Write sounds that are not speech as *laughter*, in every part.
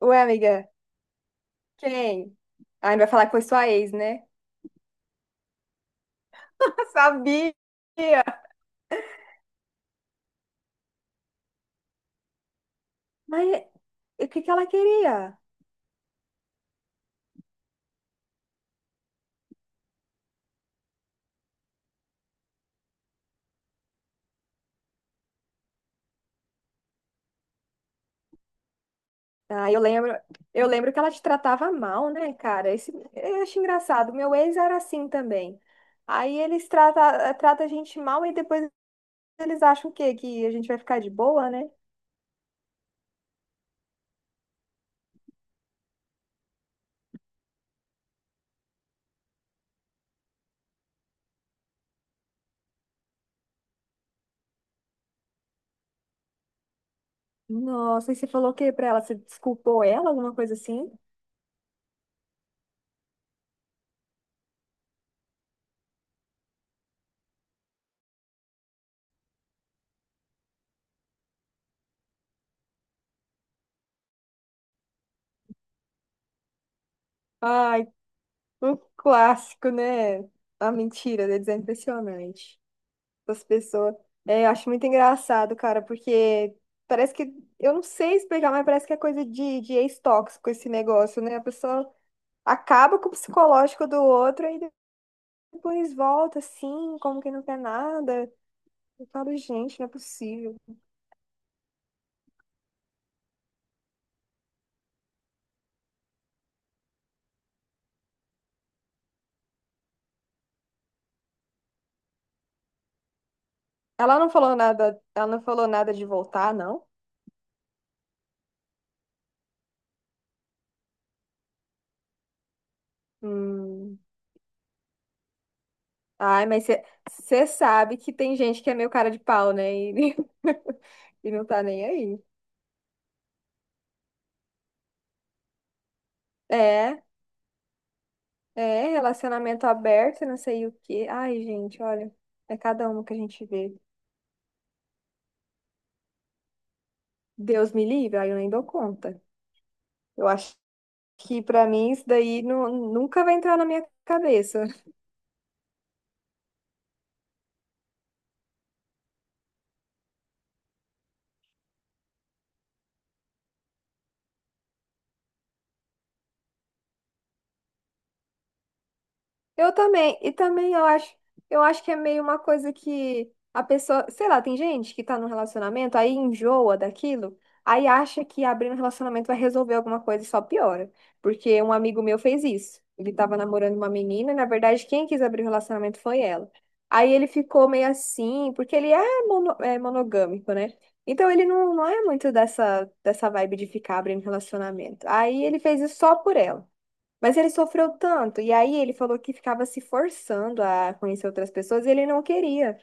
Ué, amiga, quem? Ai, vai falar que foi sua ex, né? *laughs* Sabia! Mas e o que que ela queria? Ah, eu lembro que ela te tratava mal, né, cara? Esse, eu acho engraçado. Meu ex era assim também. Aí eles trata a gente mal e depois eles acham o quê? Que a gente vai ficar de boa, né? Nossa, e você falou o quê pra ela? Você desculpou ela, alguma coisa assim? Ai, um clássico, né? A mentira deles é impressionante. Das pessoas. É, eu acho muito engraçado, cara, porque parece que, eu não sei explicar, mas parece que é coisa de ex-tóxico esse negócio, né? A pessoa acaba com o psicológico do outro e depois volta assim, como que não quer nada. Eu falo, gente, não é possível. Ela não falou nada, ela não falou nada de voltar, não? Hum. Ai, mas você sabe que tem gente que é meio cara de pau, né? E, *laughs* e não tá nem aí. É. É, relacionamento aberto, e não sei o quê. Ai, gente, olha, é cada uma que a gente vê. Deus me livre, aí eu nem dou conta. Eu acho que pra mim isso daí nunca vai entrar na minha cabeça. Eu também, e também eu acho que é meio uma coisa que a pessoa, sei lá, tem gente que tá num relacionamento, aí enjoa daquilo, aí acha que abrir um relacionamento vai resolver alguma coisa e só piora. Porque um amigo meu fez isso. Ele tava namorando uma menina, e na verdade, quem quis abrir o relacionamento foi ela. Aí ele ficou meio assim, porque ele é, é monogâmico, né? Então ele não, não é muito dessa, dessa vibe de ficar abrindo relacionamento. Aí ele fez isso só por ela. Mas ele sofreu tanto, e aí ele falou que ficava se forçando a conhecer outras pessoas e ele não queria.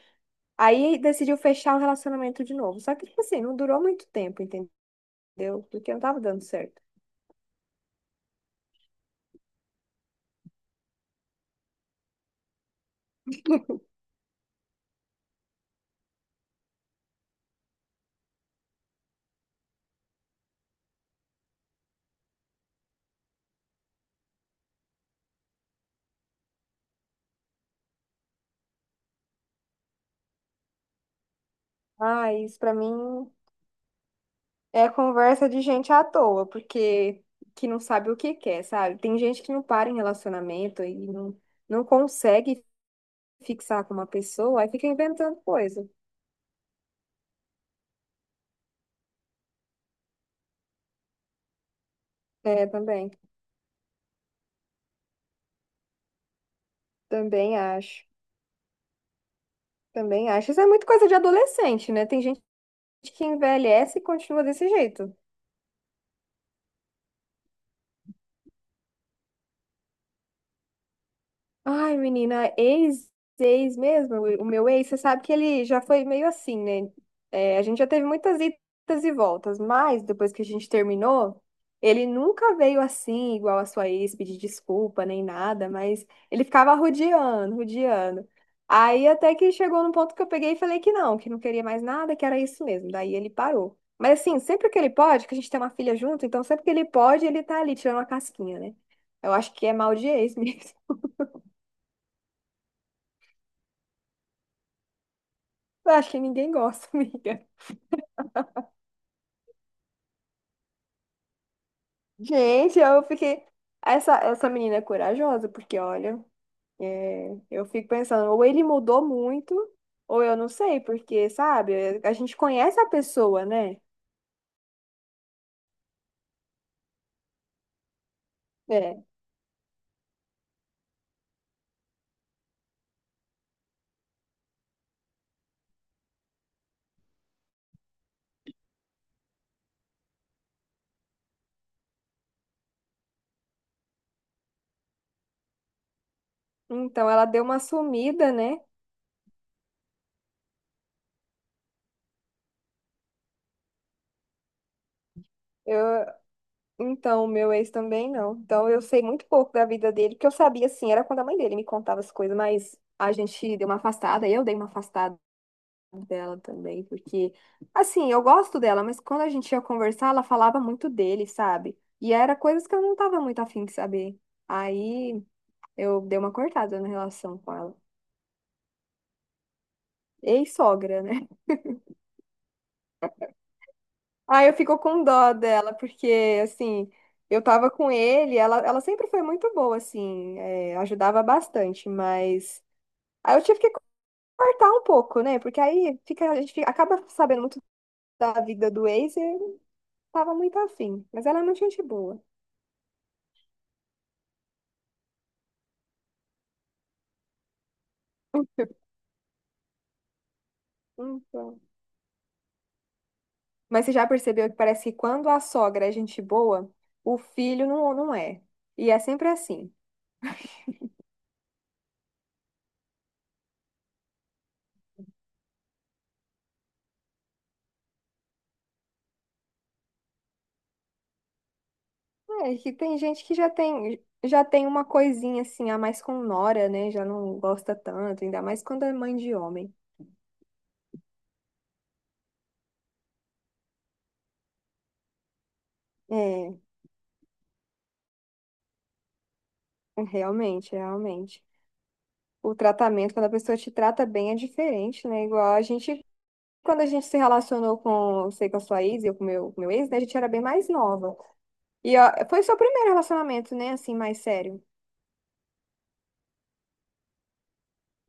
Aí decidiu fechar o relacionamento de novo. Só que, tipo assim, não durou muito tempo, entendeu? Porque não tava dando certo. Ah, isso pra mim é conversa de gente à toa, porque que não sabe o que quer, sabe? Tem gente que não para em relacionamento e não, não consegue fixar com uma pessoa, aí fica inventando coisa. É, também. Também acho. Também acho. Isso é muito coisa de adolescente, né? Tem gente que envelhece e continua desse jeito. Ai, menina, ex, ex mesmo, o meu ex, você sabe que ele já foi meio assim, né? É, a gente já teve muitas idas e voltas, mas depois que a gente terminou, ele nunca veio assim, igual a sua ex, pedir desculpa nem nada, mas ele ficava rodeando, rodeando. Aí até que chegou num ponto que eu peguei e falei que não queria mais nada, que era isso mesmo. Daí ele parou. Mas assim, sempre que ele pode, que a gente tem uma filha junto, então sempre que ele pode, ele tá ali tirando uma casquinha, né? Eu acho que é mal de ex *laughs* mesmo. Eu acho que ninguém gosta, *laughs* amiga. Gente, eu fiquei. Essa menina é corajosa, porque olha, é, eu fico pensando, ou ele mudou muito, ou eu não sei, porque, sabe, a gente conhece a pessoa, né? É. Então ela deu uma sumida, né? Eu, então, o meu ex também não. Então eu sei muito pouco da vida dele, porque eu sabia assim, era quando a mãe dele me contava as coisas, mas a gente deu uma afastada, eu dei uma afastada dela também, porque, assim, eu gosto dela, mas quando a gente ia conversar, ela falava muito dele, sabe? E era coisas que eu não tava muito afim de saber. Aí eu dei uma cortada na relação com ela. Ex-sogra, né? Aí eu fico com dó dela, porque, assim, eu tava com ele, ela sempre foi muito boa, assim, é, ajudava bastante, mas. Aí eu tive que cortar um pouco, né? Porque aí fica, a gente acaba sabendo muito da vida do ex e eu não tava muito afim. Mas ela é muito gente boa. Então. Mas você já percebeu que parece que quando a sogra é gente boa, o filho não, não é. E é sempre assim. É, que tem gente que já tem uma coisinha assim, a mais com nora, né? Já não gosta tanto, ainda mais quando é mãe de homem. É, realmente, realmente. O tratamento, quando a pessoa te trata bem, é diferente, né? Igual a gente, quando a gente se relacionou com, sei, com a sua ex, e eu com o meu ex, né? A gente era bem mais nova. E ó, foi o seu primeiro relacionamento, né? Assim, mais sério.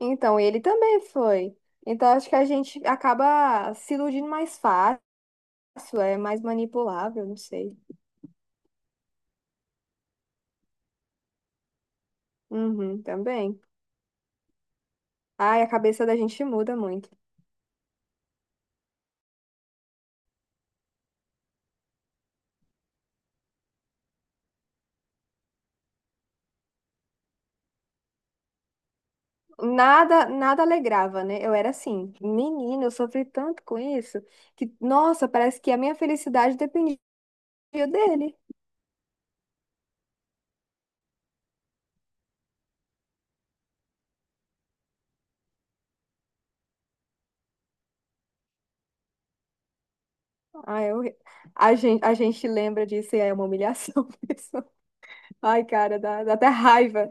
Então, ele também foi. Então, acho que a gente acaba se iludindo mais fácil, é mais manipulável, não sei. Uhum, também. Ai, a cabeça da gente muda muito. Nada, nada alegrava, né? Eu era assim, menina, eu sofri tanto com isso que, nossa, parece que a minha felicidade dependia dele. Ai, eu, a gente lembra disso e é uma humilhação *laughs* mesmo. Ai, cara, dá, dá até raiva.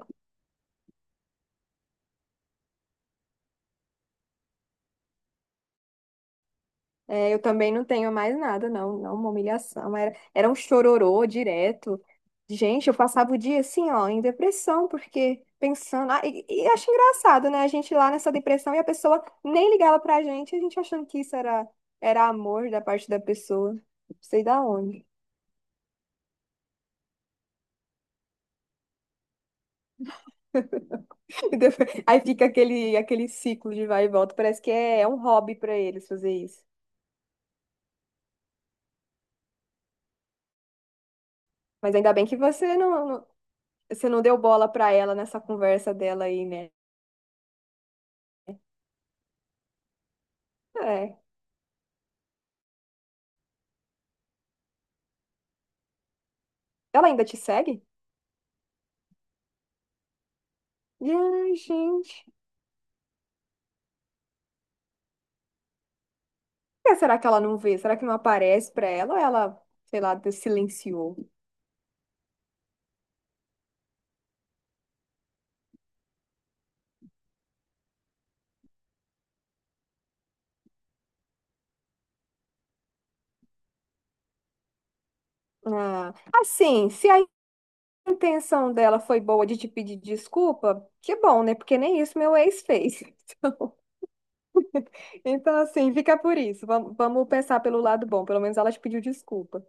É, eu também não tenho mais nada, não. Não, uma humilhação. Era, era um chororô direto. Gente, eu passava o dia assim, ó, em depressão, porque pensando. Ah, e acho engraçado, né? A gente lá nessa depressão e a pessoa nem ligava pra gente, a gente achando que isso era, era amor da parte da pessoa. Não sei da onde. *laughs* E depois- Aí fica aquele, aquele ciclo de vai e volta. Parece que é, é um hobby pra eles fazer isso. Mas ainda bem que você não, você não deu bola pra ela nessa conversa dela aí, né? É. Ela ainda te segue? Ai, gente. Por que será que ela não vê? Será que não aparece pra ela? Ou ela, sei lá, silenciou? Ah, assim, se a intenção dela foi boa de te pedir desculpa, que bom, né? Porque nem isso meu ex fez. *laughs* Então, então, assim, fica por isso. Vamos, vamos pensar pelo lado bom. Pelo menos ela te pediu desculpa.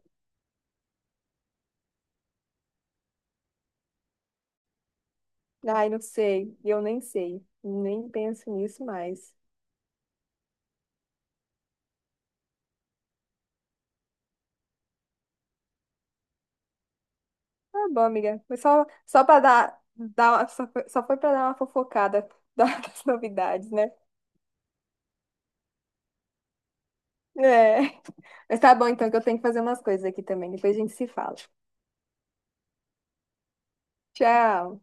Ai, não sei. Eu nem sei. Nem penso nisso mais. Tá bom, amiga. Foi só, só para dar, só foi para dar uma fofocada *laughs* das novidades, né? É. Mas tá bom, então, que eu tenho que fazer umas coisas aqui também. Depois a gente se fala. Tchau.